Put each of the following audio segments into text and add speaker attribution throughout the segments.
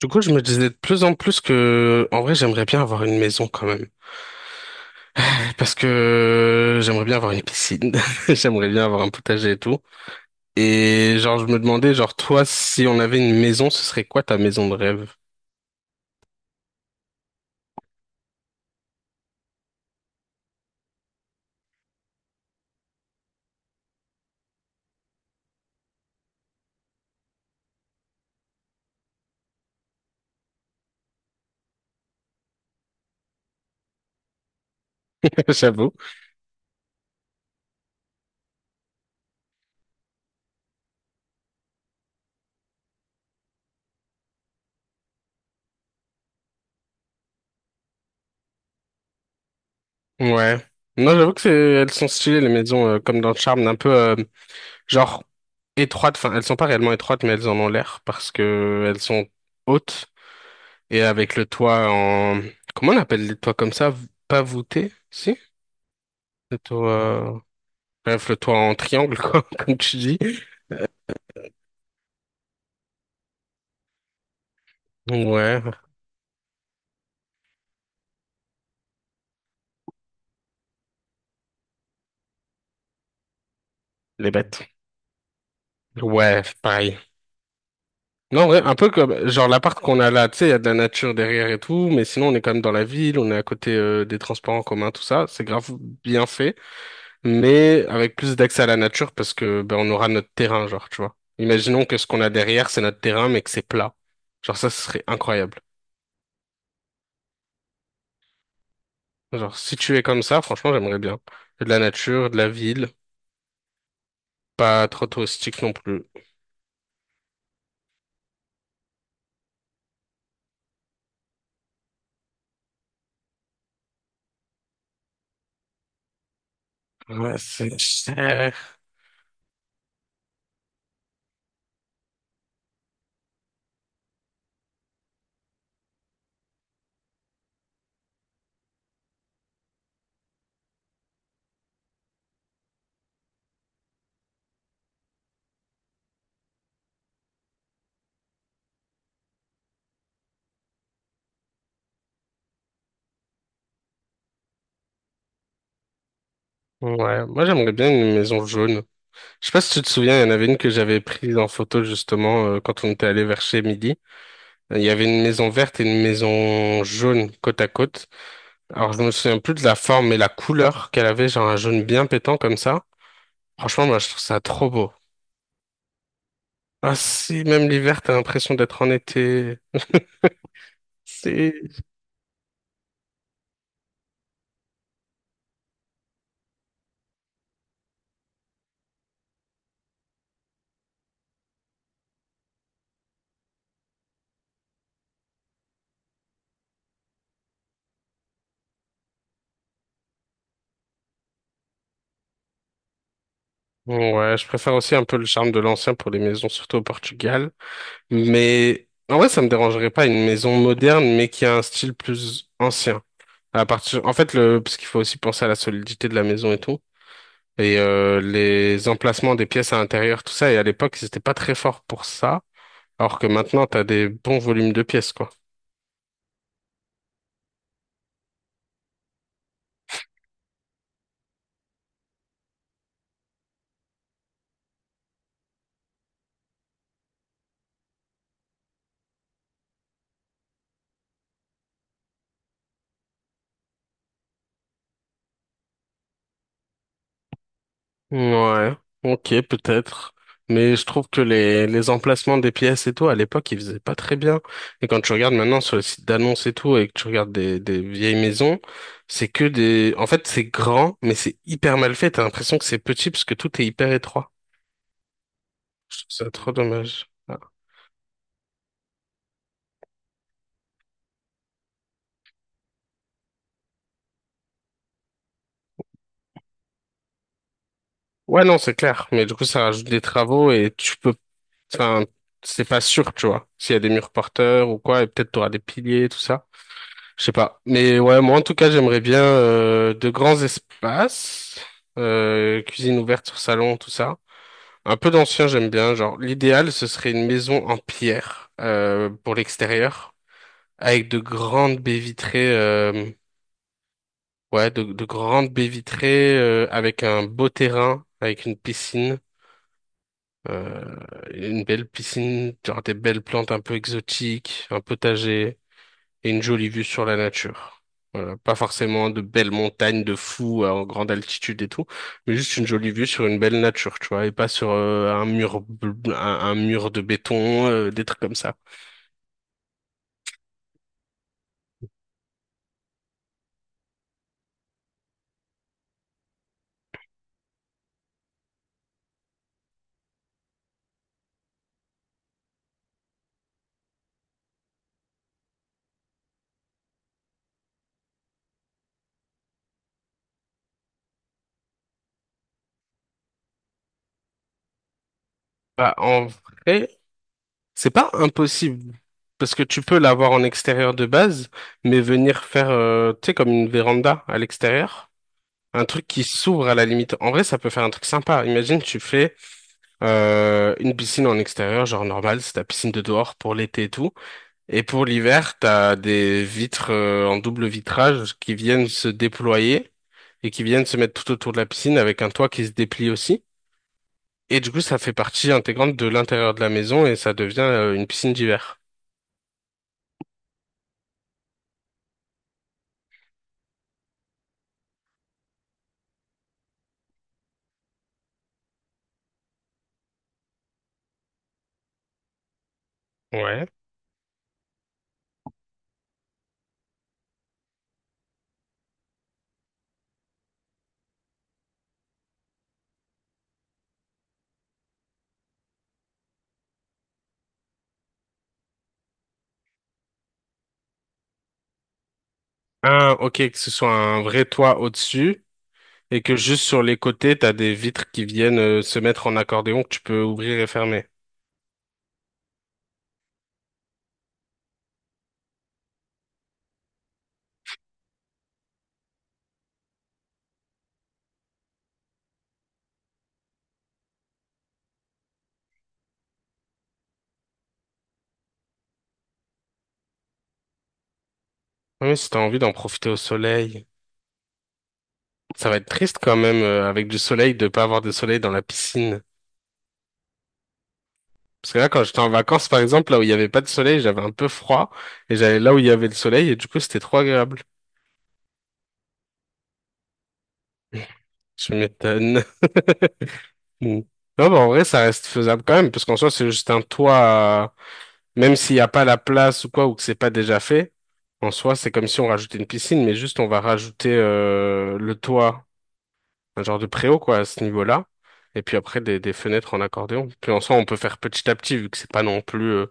Speaker 1: Du coup, je me disais de plus en plus que, en vrai, j'aimerais bien avoir une maison quand même. Parce que j'aimerais bien avoir une piscine, j'aimerais bien avoir un potager et tout. Et genre, je me demandais, genre, toi, si on avait une maison, ce serait quoi ta maison de rêve? J'avoue. Ouais. Non, j'avoue que c'est, elles sont stylées, les maisons, comme dans Charmed, un peu, genre, étroites. Enfin, elles sont pas réellement étroites, mais elles en ont l'air parce que elles sont hautes et avec le toit en, comment on appelle les toits comme ça? Pas voûté, si? Le toit, euh, Bref, le toit en triangle, quoi, comme tu dis. Ouais, les bêtes. Ouais, pareil. Non, ouais, un peu comme, genre, l'appart qu'on a là, tu sais, il y a de la nature derrière et tout, mais sinon, on est quand même dans la ville, on est à côté, des transports en commun, tout ça. C'est grave bien fait, mais avec plus d'accès à la nature parce que, ben, on aura notre terrain, genre, tu vois. Imaginons que ce qu'on a derrière, c'est notre terrain, mais que c'est plat. Genre, ça, ce serait incroyable. Genre, si tu es comme ça, franchement, j'aimerais bien. De la nature, de la ville, pas trop touristique non plus. Ouais, c'est cher. Ouais, moi j'aimerais bien une maison jaune. Je sais pas si tu te souviens, il y en avait une que j'avais prise en photo justement quand on était allé vers chez Midi. Il y avait une maison verte et une maison jaune côte à côte. Alors je me souviens plus de la forme et la couleur qu'elle avait, genre un jaune bien pétant comme ça. Franchement, moi je trouve ça trop beau. Ah si, même l'hiver, t'as l'impression d'être en été. C'est. Ouais, je préfère aussi un peu le charme de l'ancien pour les maisons, surtout au Portugal. Mais en vrai, ça me dérangerait pas une maison moderne, mais qui a un style plus ancien. À partir, en fait, parce qu'il faut aussi penser à la solidité de la maison et tout, et les emplacements des pièces à l'intérieur, tout ça. Et à l'époque, ils étaient pas très forts pour ça, alors que maintenant, t'as des bons volumes de pièces, quoi. Ouais, ok, peut-être. Mais je trouve que les emplacements des pièces et tout, à l'époque, ils faisaient pas très bien. Et quand tu regardes maintenant sur les sites d'annonces et tout, et que tu regardes des vieilles maisons, c'est que des. En fait, c'est grand, mais c'est hyper mal fait. T'as l'impression que c'est petit parce que tout est hyper étroit. Je trouve ça trop dommage. Ah. Ouais, non, c'est clair. Mais du coup, ça rajoute des travaux et tu peux. Enfin, c'est pas sûr, tu vois. S'il y a des murs porteurs ou quoi, et peut-être t'auras des piliers, tout ça. Je sais pas. Mais ouais, moi en tout cas, j'aimerais bien de grands espaces, cuisine ouverte sur salon, tout ça. Un peu d'ancien, j'aime bien. Genre, l'idéal, ce serait une maison en pierre pour l'extérieur, avec de grandes baies vitrées. Ouais, de grandes baies vitrées avec un beau terrain, avec une piscine, euh, une belle piscine, genre des belles plantes un peu exotiques, un potager. Et une jolie vue sur la nature. Voilà, pas forcément de belles montagnes de fous en grande altitude et tout, mais juste une jolie vue sur une belle nature, tu vois, et pas sur un mur de béton, des trucs comme ça. Bah, en vrai, c'est pas impossible parce que tu peux l'avoir en extérieur de base, mais venir faire tu sais comme une véranda à l'extérieur. Un truc qui s'ouvre à la limite. En vrai, ça peut faire un truc sympa. Imagine, tu fais une piscine en extérieur, genre normal, c'est ta piscine de dehors pour l'été et tout. Et pour l'hiver, t'as des vitres en double vitrage qui viennent se déployer et qui viennent se mettre tout autour de la piscine avec un toit qui se déplie aussi. Et du coup, ça fait partie intégrante de l'intérieur de la maison et ça devient une piscine d'hiver. Ouais. Ok, que ce soit un vrai toit au-dessus et que juste sur les côtés, t'as des vitres qui viennent se mettre en accordéon que tu peux ouvrir et fermer. Oui, si t'as envie d'en profiter au soleil. Ça va être triste quand même, avec du soleil, de pas avoir de soleil dans la piscine. Parce que là, quand j'étais en vacances, par exemple, là où il n'y avait pas de soleil, j'avais un peu froid, et j'allais là où il y avait le soleil, et du coup, c'était trop agréable. Je m'étonne. Mm. Non, bah, en vrai, ça reste faisable quand même, parce qu'en soi, c'est juste un toit, même s'il n'y a pas la place ou quoi, ou que c'est pas déjà fait, en soi, c'est comme si on rajoutait une piscine, mais juste on va rajouter le toit, un genre de préau, quoi, à ce niveau-là, et puis après, des fenêtres en accordéon. Puis en soi, on peut faire petit à petit, vu que c'est pas non plus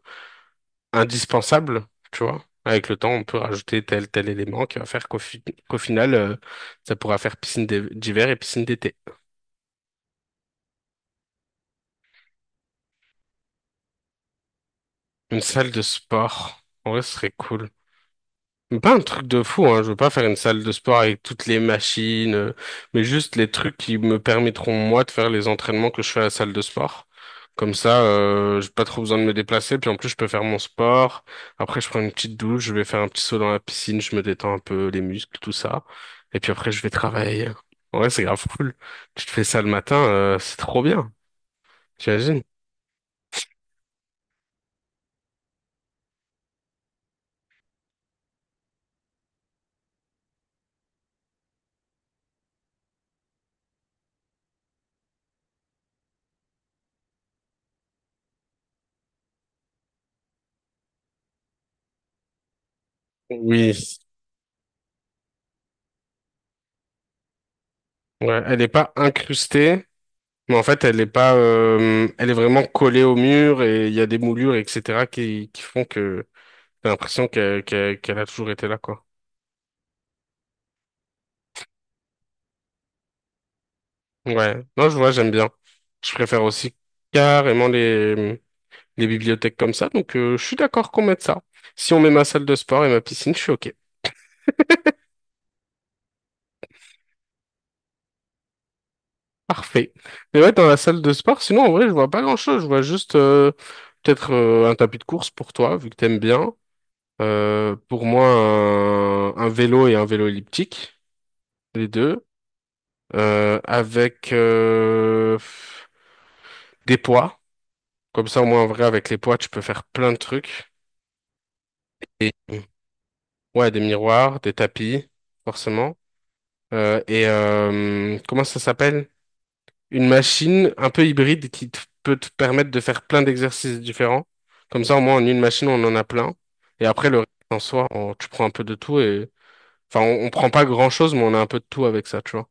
Speaker 1: indispensable, tu vois. Avec le temps, on peut rajouter tel élément qui va faire qu'au final, ça pourra faire d'hiver et piscine d'été. Une salle de sport, en ce serait cool. Pas un truc de fou, hein. Je veux pas faire une salle de sport avec toutes les machines, mais juste les trucs qui me permettront moi de faire les entraînements que je fais à la salle de sport. Comme ça, j'ai pas trop besoin de me déplacer, puis en plus je peux faire mon sport. Après, je prends une petite douche, je vais faire un petit saut dans la piscine, je me détends un peu les muscles, tout ça. Et puis après, je vais travailler. Ouais, c'est grave cool. Tu te fais ça le matin, c'est trop bien. T'imagines? Oui. Ouais, elle est pas incrustée. Mais en fait, elle est pas, elle est vraiment collée au mur et il y a des moulures, etc., qui font que t'as l'impression qu'elle a toujours été là, quoi. Ouais. Non, je vois, j'aime bien. Je préfère aussi carrément les bibliothèques comme ça. Donc, je suis d'accord qu'on mette ça. Si on met ma salle de sport et ma piscine, je suis OK. Parfait. Mais ouais, dans la salle de sport, sinon, en vrai, je vois pas grand-chose. Je vois juste, peut-être, un tapis de course pour toi, vu que t'aimes bien. Pour moi, un vélo et un vélo elliptique, les deux. Avec des poids. Comme ça, au moins, en vrai, avec les poids, tu peux faire plein de trucs. Et ouais, des miroirs, des tapis, forcément. Et comment ça s'appelle? Une machine un peu hybride peut te permettre de faire plein d'exercices différents. Comme ça, au moins, en une machine, on en a plein. Et après, le reste, en soi, tu prends un peu de tout et. Enfin, on prend pas grand-chose, mais on a un peu de tout avec ça, tu vois.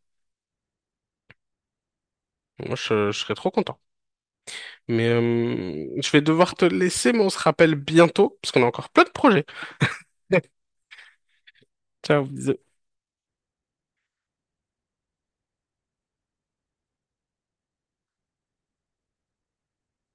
Speaker 1: Moi, je serais trop content. Mais je vais devoir te laisser, mais on se rappelle bientôt, parce qu'on a encore plein de projets. Ciao, bisous.